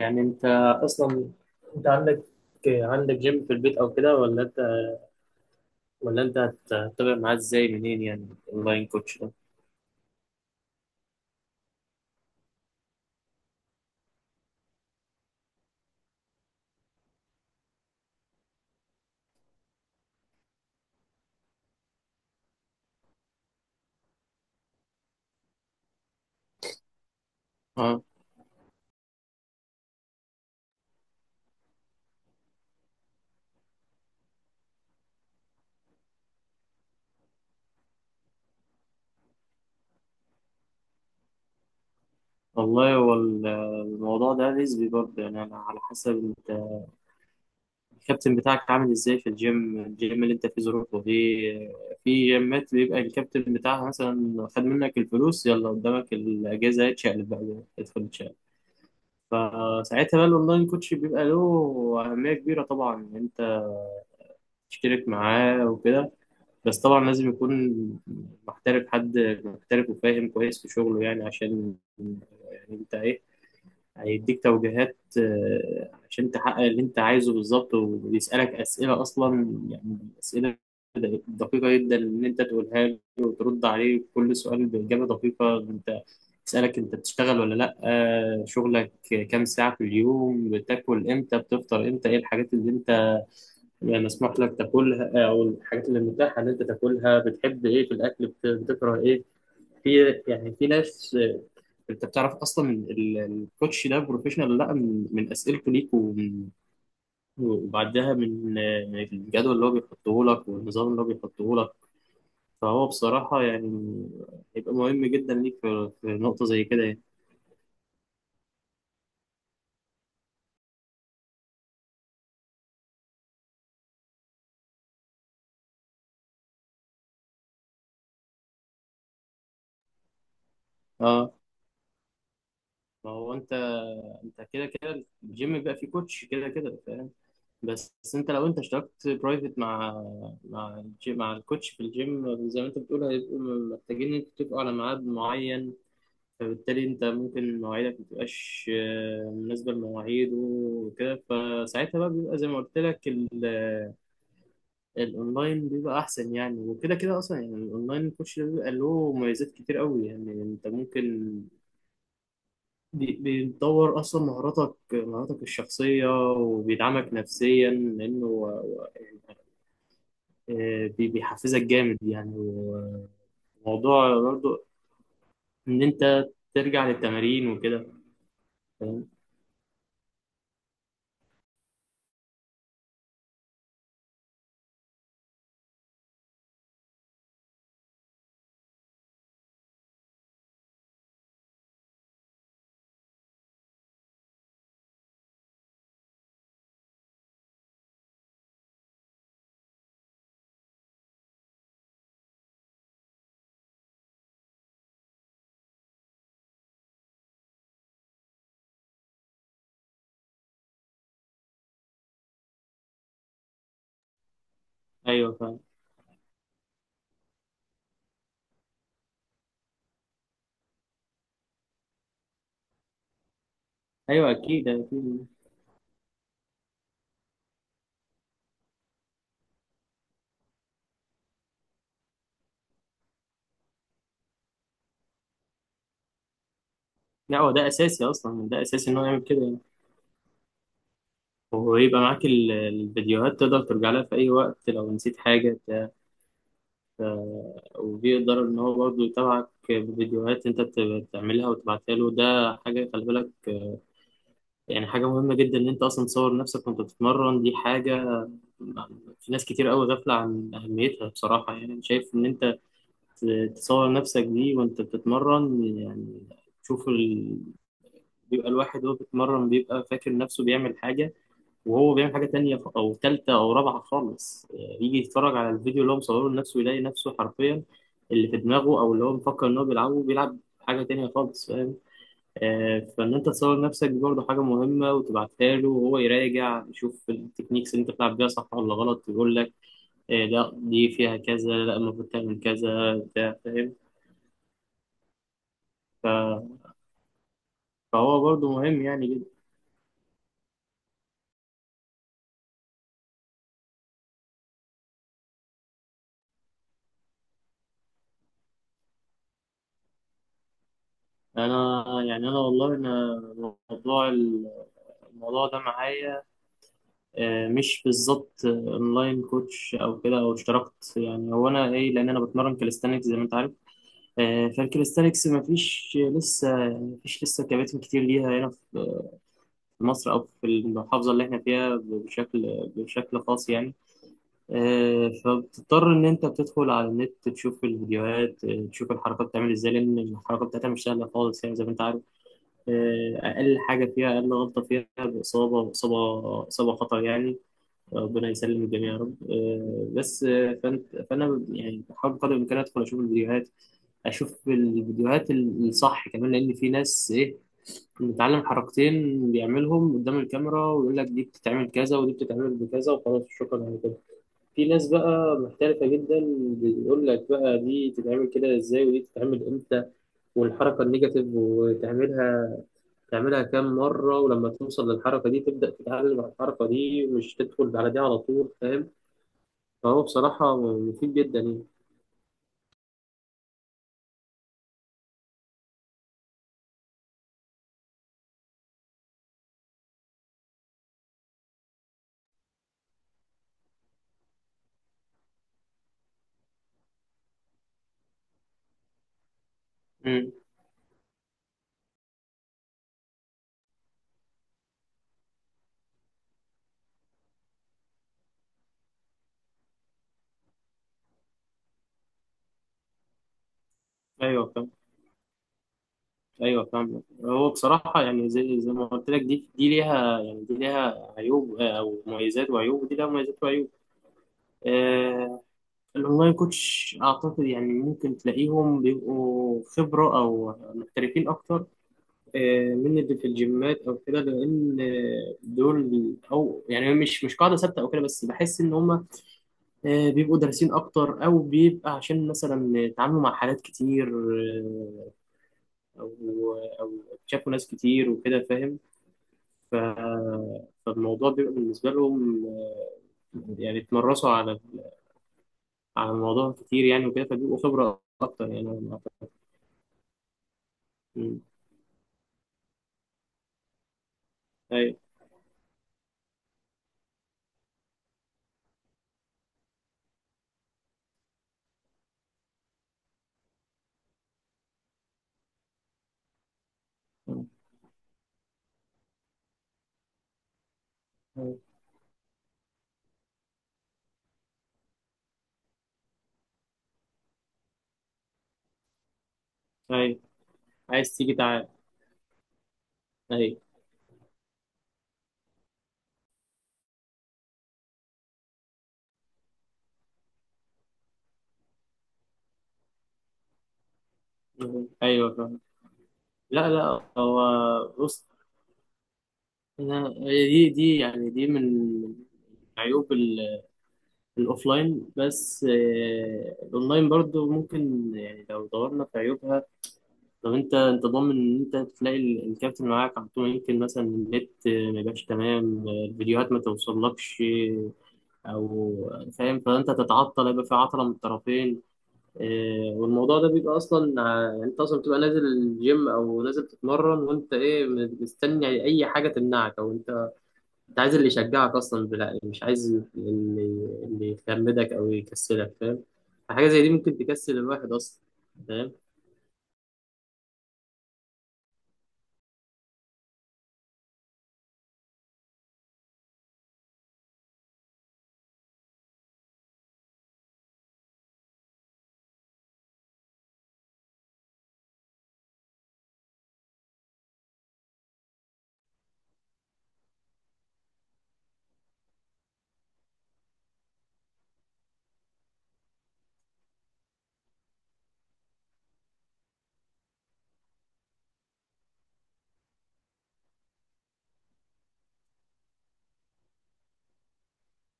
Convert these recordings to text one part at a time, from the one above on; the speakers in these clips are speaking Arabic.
يعني انت اصلا، انت عندك جيم في البيت او كده، ولا انت هتتابع معاه ازاي، منين يعني اونلاين كوتش ده؟ اه والله، هو الموضوع ده نسبي برضه، يعني انا على حسب انت الكابتن بتاعك عامل ازاي في الجيم، اللي انت فيه ظروفه، في جيمات بيبقى الكابتن بتاعها مثلا خد منك الفلوس، يلا قدامك الاجازه اتشقلب بقى، ادخل اتشقلب. فساعتها بقى الاونلاين كوتش بيبقى له اهميه كبيره طبعا، يعني انت اشترك معاه وكده، بس طبعا لازم يكون محترف حد محترف وفاهم كويس في شغله، يعني عشان يعني انت ايه، هيديك توجيهات عشان تحقق اللي انت عايزه بالظبط، وبيسألك أسئلة أصلا، يعني أسئلة دقيقة جدا، إن أنت تقولها له وترد عليه كل سؤال بإجابة دقيقة. أنت يسألك أنت بتشتغل ولا لأ، شغلك كام ساعة في اليوم، بتاكل إمتى، بتفطر إمتى، إيه الحاجات اللي أنت يعني مسموح لك تاكلها، او الحاجات اللي متاحه ان انت تاكلها، بتحب ايه في الاكل، بتكره ايه في، يعني في ناس انت بتعرف اصلا من الكوتش ده بروفيشنال ولا لا، من اسئلته ليك وبعدها من الجدول اللي هو بيحطه لك، والنظام اللي هو بيحطه لك. فهو بصراحه يعني هيبقى مهم جدا ليك في، نقطه زي كده يعني. اه، ما هو انت، انت كده كده الجيم بيبقى فيه كوتش كده كده، فاهم. بس انت لو انت اشتركت برايفت مع، مع الكوتش في الجيم زي ما انت بتقول، هيبقوا محتاجين ان انتوا تتفقوا على ميعاد معين، فبالتالي انت ممكن مواعيدك ما تبقاش مناسبه لمواعيده وكده، فساعتها بقى بيبقى زي ما قلت لك، الاونلاين بيبقى احسن يعني، وكده كده اصلا يعني الاونلاين الكوتش ده بيبقى له مميزات كتير قوي، يعني انت ممكن بيطور اصلا مهاراتك، الشخصيه، وبيدعمك نفسيا، لانه بيحفزك جامد يعني. وموضوع برضو ان انت ترجع للتمارين وكده، فاهم. ايوه فاهم. ايوه اكيد اكيد. لا، هو ده اساسي اصلا، ده اساسي ان هو يعمل كده يعني، وهو يبقى معاك الفيديوهات، تقدر ترجع لها في اي وقت لو نسيت حاجه بتاع. وبيقدر ان هو برضو يتابعك بفيديوهات انت بتعملها وتبعتها له. ده حاجه خلي بالك، يعني حاجه مهمه جدا ان انت اصلا تصور نفسك وانت بتتمرن. دي حاجه في ناس كتير قوي غافله عن اهميتها بصراحه، يعني أنا شايف ان انت تصور نفسك دي وانت بتتمرن، يعني تشوف ال... بيبقى الواحد وهو بيتمرن بيبقى فاكر نفسه بيعمل حاجة، وهو بيعمل حاجة تانية، أو تالتة أو رابعة خالص. يجي يتفرج على الفيديو اللي هو مصوره لنفسه، يلاقي نفسه حرفيا اللي في دماغه أو اللي هو مفكر إن هو بيلعبه، بيلعب حاجة تانية خالص، فاهم. فإن أنت تصور نفسك دي برضه حاجة مهمة، وتبعتها له وهو يراجع يشوف التكنيكس اللي أنت بتلعب بيها صح ولا غلط، يقول لك لا دي فيها كذا، لا المفروض تعمل كذا بتاع، فاهم. فهو برضو مهم يعني جدا. انا يعني انا والله انا موضوع الموضوع ده معايا مش بالظبط اونلاين كوتش او كده او اشتركت، يعني هو انا ايه، لان انا بتمرن كاليستانكس زي ما انت عارف. فالكاليستانكس مفيش لسه، يعني مفيش لسه كباتن كتير ليها هنا في، مصر او في المحافظه اللي احنا فيها، بشكل خاص يعني. فبتضطر ان انت بتدخل على النت تشوف الفيديوهات، تشوف الحركات بتعمل ازاي، لان الحركه بتاعتها مش سهله خالص يعني زي ما انت عارف. أقل حاجة فيها، أقل غلطة فيها بإصابة، إصابة خطر يعني، ربنا يسلم الجميع يا رب. آه، بس آه، فأنت فأنا يعني بحاول بقدر الإمكان أدخل أشوف الفيديوهات، الصح كمان، لأن في ناس إيه متعلم حركتين بيعملهم قدام الكاميرا ويقول لك دي بتتعمل كذا ودي بتتعمل بكذا، وخلاص شكرا على كده. في ناس بقى محترفة جدا بيقول لك بقى دي تتعمل كده ازاي، ودي تتعمل امتى، والحركة النيجاتيف وتعملها تعملها كام مرة، ولما توصل للحركة دي تبدأ تتعلم على الحركة دي، مش تدخل على دي على طول، فاهم. فهو بصراحة مفيد جدا يعني. مم. ايوه فاهم. ايوه فاهم، هو بصراحه يعني زي ما قلت لك، دي ليها يعني، دي ليها عيوب او مميزات وعيوب، ودي ليها مميزات وعيوب. آه، الاونلاين كوتش اعتقد يعني ممكن تلاقيهم بيبقوا خبره او محترفين اكتر من اللي في الجيمات او كده، لان دول او يعني مش قاعده ثابته او كده، بس بحس ان هم بيبقوا دارسين اكتر، او بيبقى عشان مثلا اتعاملوا مع حالات كتير آه، او او شافوا ناس كتير وكده، فاهم. ف- فالموضوع بيبقى بالنسبه لهم يعني اتمرسوا على على الموضوع كتير يعني وكده، فبيبقوا خبره اكتر يعني، أنا أعتقد. مم. ايوه، ايوه. أيوه. عايز تيجي، تعال. ايوه، ايوه. لا لا، هو بص، أنا هي دي من عيوب الأوفلاين، بس الأونلاين برضو ممكن، يعني لو دورنا في عيوبها، لو أنت ضامن إن أنت تلاقي الكابتن معاك على طول، يمكن مثلا النت ما يبقاش تمام، الفيديوهات ما توصلكش، آه، أو فاهم، فأنت تتعطل، يبقى في عطلة من الطرفين. إيه، والموضوع ده بيبقى اصلا يعني انت اصلا بتبقى نازل الجيم او نازل تتمرن، وانت ايه مستني اي حاجه تمنعك، او انت عايز اللي يشجعك اصلا، بلا مش عايز اللي يخمدك او يكسلك، فاهم. حاجه زي دي ممكن تكسل الواحد اصلا، فاهم.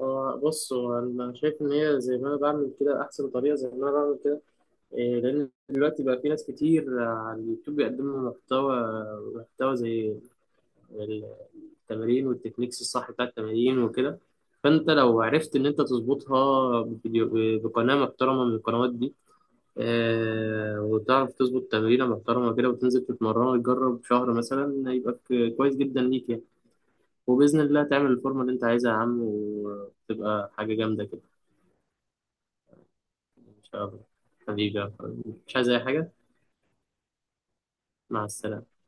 هو بص، هو انا شايف ان هي زي ما انا بعمل كده احسن طريقه زي ما انا بعمل كده. إيه، لان دلوقتي بقى في ناس كتير على اليوتيوب بيقدموا محتوى، زي التمارين والتكنيكس الصح بتاع التمارين وكده. فانت لو عرفت ان انت تظبطها بفيديو بقناه محترمه من القنوات دي وتعرف تظبط تمرينه محترمه كده وتنزل تتمرن وتجرب شهر مثلا، يبقى كويس جدا ليك يعني، وباذن الله تعمل الفورمه اللي انت عايزها يا عم، وتبقى حاجه جامده كده. ان شاء الله. حبيبي يا أخوي. مش عايز اي حاجه. مع السلامه.